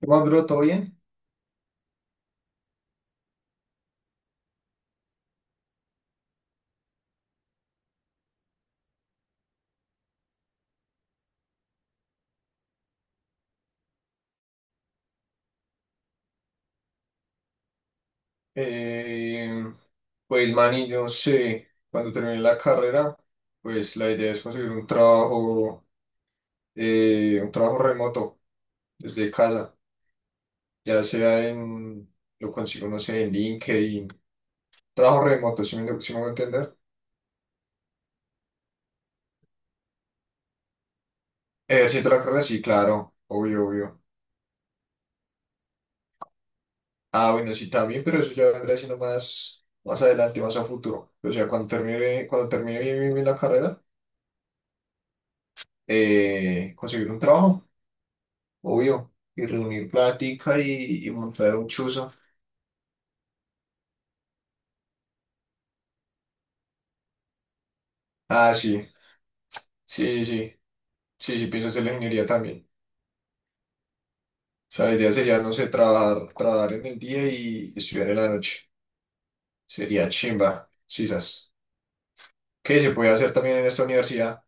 ¿Qué más, bro? ¿Todo bien? Eh, pues, Manny, yo sé, cuando termine la carrera, pues la idea es conseguir un trabajo remoto desde casa, ya sea en, lo consigo, no sé, en LinkedIn, trabajo remoto, si me voy a entender. Ejerciendo la carrera, sí, claro, obvio, obvio. Ah, bueno, sí, también, pero eso ya vendrá siendo más, más adelante, más a futuro. O sea, cuando termine bien, bien, bien la carrera, conseguir un trabajo. Obvio, y reunir plática y montar un chuzo. Ah, sí, sí, sí, sí, sí, pienso hacer la ingeniería también. O sea, la idea sería, no sé, trabajar en el día y estudiar en la noche. Sería chimba, quizás. ¿Qué se puede hacer también en esta universidad?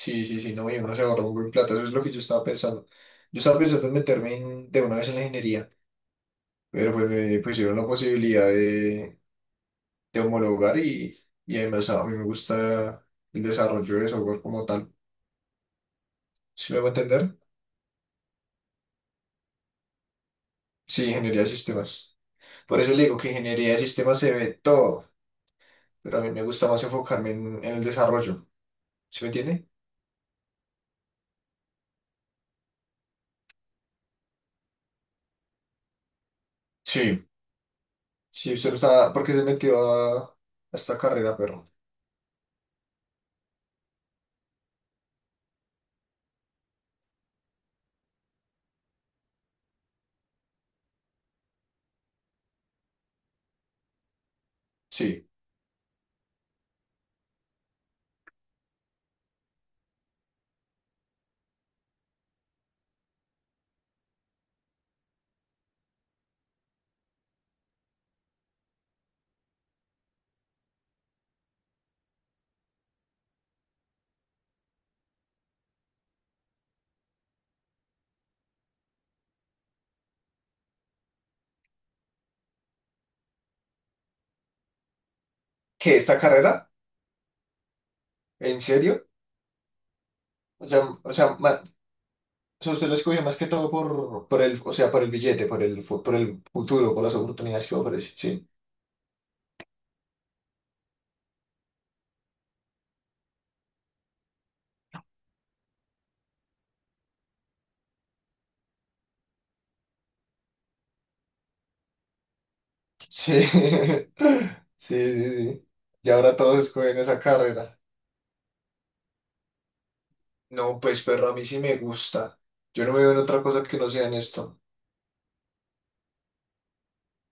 Sí, sí, sí, no, y uno se ahorra un buen plata, eso es lo que yo estaba pensando. Yo estaba pensando en de una vez en la ingeniería, pero pues me pusieron la posibilidad de homologar y además a mí me gusta el desarrollo de software como tal. ¿Sí me voy a entender? Sí, ingeniería de sistemas. Por eso le digo que ingeniería de sistemas se ve todo, pero a mí me gusta más enfocarme en el desarrollo. ¿Sí me entiende? Sí. Sí, usted no está, ¿por qué se metió a esta carrera, pero sí. ¿Qué, esta carrera? ¿En serio? O sea, o sea, ma- o sea, usted la escogió más que todo por el, o sea, por el billete, por el, por el futuro, por las oportunidades que ofrece. Sí. Sí. Sí, sí, sí. Y ahora todos escogen esa carrera. No, pues perro, a mí sí me gusta. Yo no me veo en otra cosa que no sea en esto.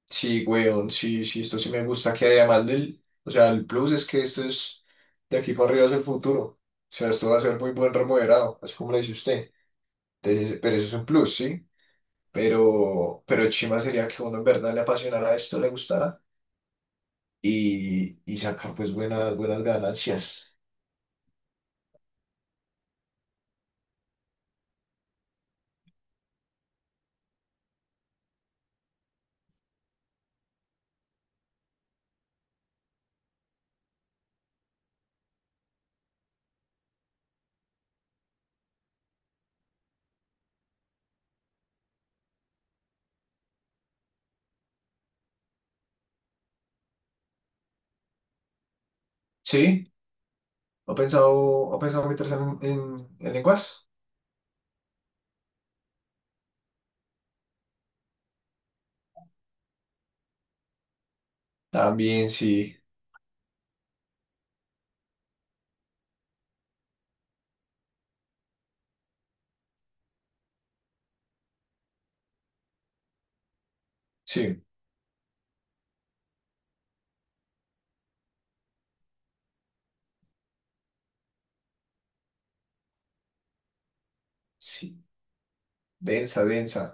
Sí, weón, sí, sí, esto sí me gusta. Que además del, o sea, el plus es que esto es de aquí para arriba es el futuro. O sea, esto va a ser muy buen remodelado, así como lo dice usted. Entonces, pero eso es un plus, sí. Pero chima sería que uno en verdad le apasionara esto, le gustara y sacar pues buenas, buenas ganancias. Sí, ¿ha pensado meterse en lenguas? También sí, sí. Sí. Densa, densa.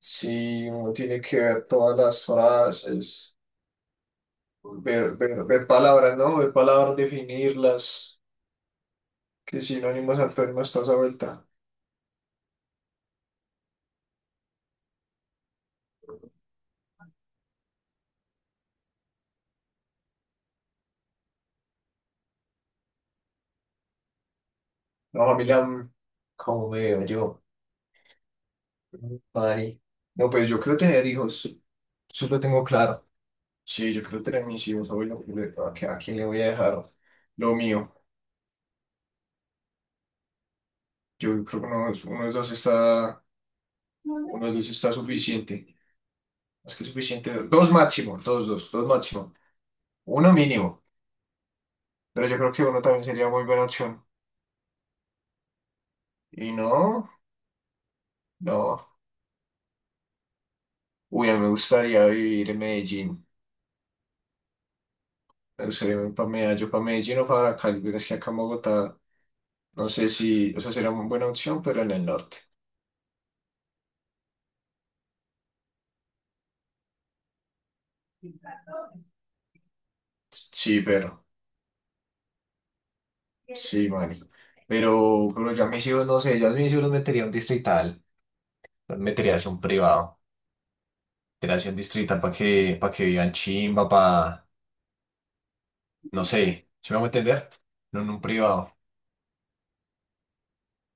Sí, uno tiene que ver todas las frases, ver palabras, ¿no? Ver palabras, definirlas, qué sinónimos, antónimos, toda esa vuelta. No, familia, mm, ¿cómo me veo yo? Mm, Mari. No, pues yo quiero tener hijos, eso lo tengo claro. Sí, yo quiero tener mis hijos, abuelo, ¿a a quién le voy a dejar lo mío? Yo creo que uno, uno de los dos está, uno de los dos está suficiente, más que suficiente, dos máximo, dos máximo, uno mínimo. Pero yo creo que uno también sería muy buena opción. Y no, no. Uy, a mí me gustaría vivir en Medellín. Me gustaría ir para Medellín o para Cali, pero es que acá en Bogotá, no sé si, o sea, sería muy buena opción, pero en el norte. Sí, pero, sí, Mari. Pero yo a mis hijos, no sé, yo a mis hijos los metería a un distrital, los metería hacia un privado, metería hacia un distrital para que vivan chimba, para, no sé, ¿se me va a entender? No en un privado.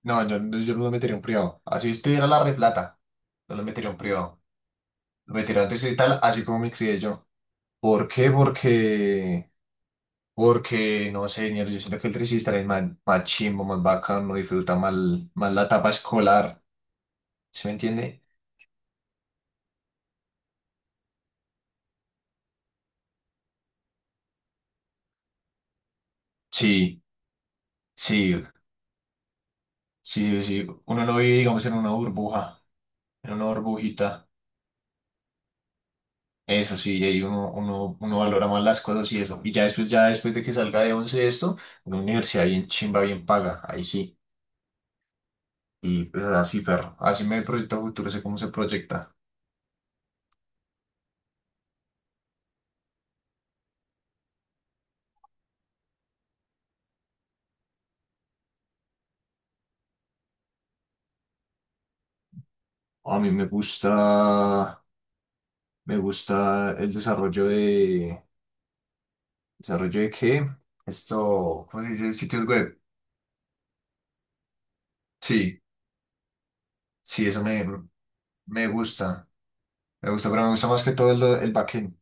No, yo no lo metería a un privado. Así estuviera la replata. No lo metería a un privado. Lo metería a un distrital, así como me crié yo. ¿Por qué? Porque, no sé, señor, yo siento que el resistor es más, más chimbo, más bacano, no disfruta más, más la etapa escolar. ¿Sí me entiende? Sí, sí, sí, sí. Uno no vive, digamos, en una burbuja, en una burbujita. Eso sí, y ahí uno valora más las cosas y eso. Y ya después de que salga de once esto, una universidad bien chimba, bien paga. Ahí sí. Y pues así, perro. Así me proyecto a futuro, sé cómo se proyecta. A mí me gusta el ¿desarrollo de qué? Esto, ¿cómo se dice? Sitios web. Sí, sí, eso me, me gusta. Me gusta, pero me gusta más que todo el backend,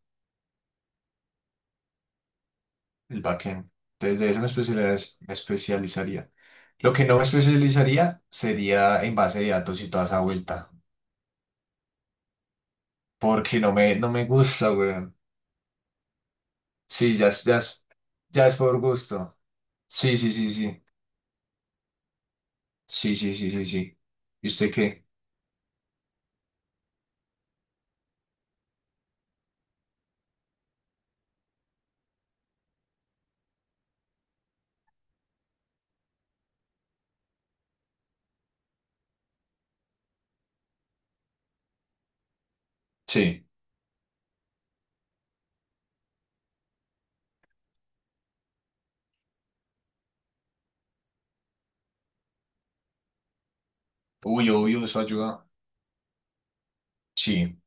el backend. Entonces, de eso me especializaría. Lo que no me especializaría sería en base de datos y toda esa vuelta, porque no me gusta, weón. Sí, ya, es- ya, es- ya es por gusto. Sí, sí, sí, sí. Sí, sí, sí, sí, sí. ¿Y usted qué? Sí. Uy, obvio, eso ayuda. Sí.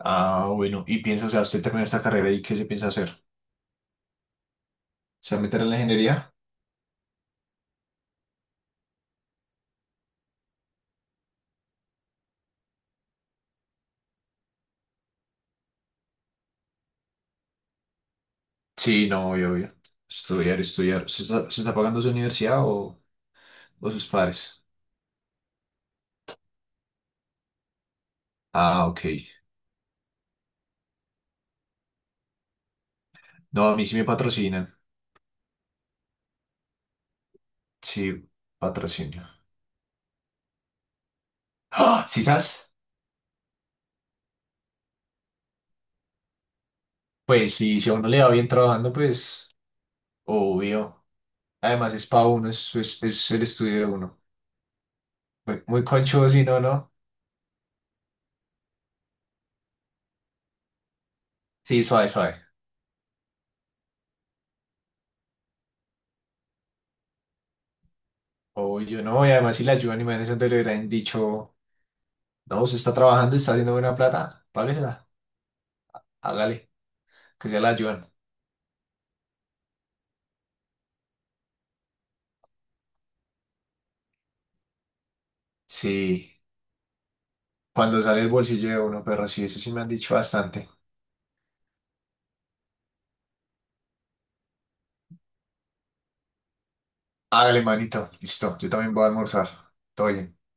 Ah, bueno. ¿Y piensa, o sea, usted termina esta carrera y qué se piensa hacer? ¿Se va a meter en la ingeniería? Sí, no, obvio, obvio. Estudiar, estudiar. ¿Se está pagando su universidad o sus padres? Ah, ok. No, a mí sí me patrocinan. Sí, patrocinio. ¡Ah! ¿Sí sabes? Pues sí, si a uno le va bien trabajando, pues, obvio. Además es para uno, es el estudio de uno. Muy, muy conchudo, si no, ¿no? Sí, suave, suave. O yo no, y además si la ayudan, imagínense le hubieran dicho, no, usted está trabajando, está haciendo buena plata, páguesela, hágale, que sea la ayudan. Sí, cuando sale el bolsillo de uno, pero sí, eso sí me han dicho bastante. Hágale, manito, listo, yo también voy a almorzar. Todo bien.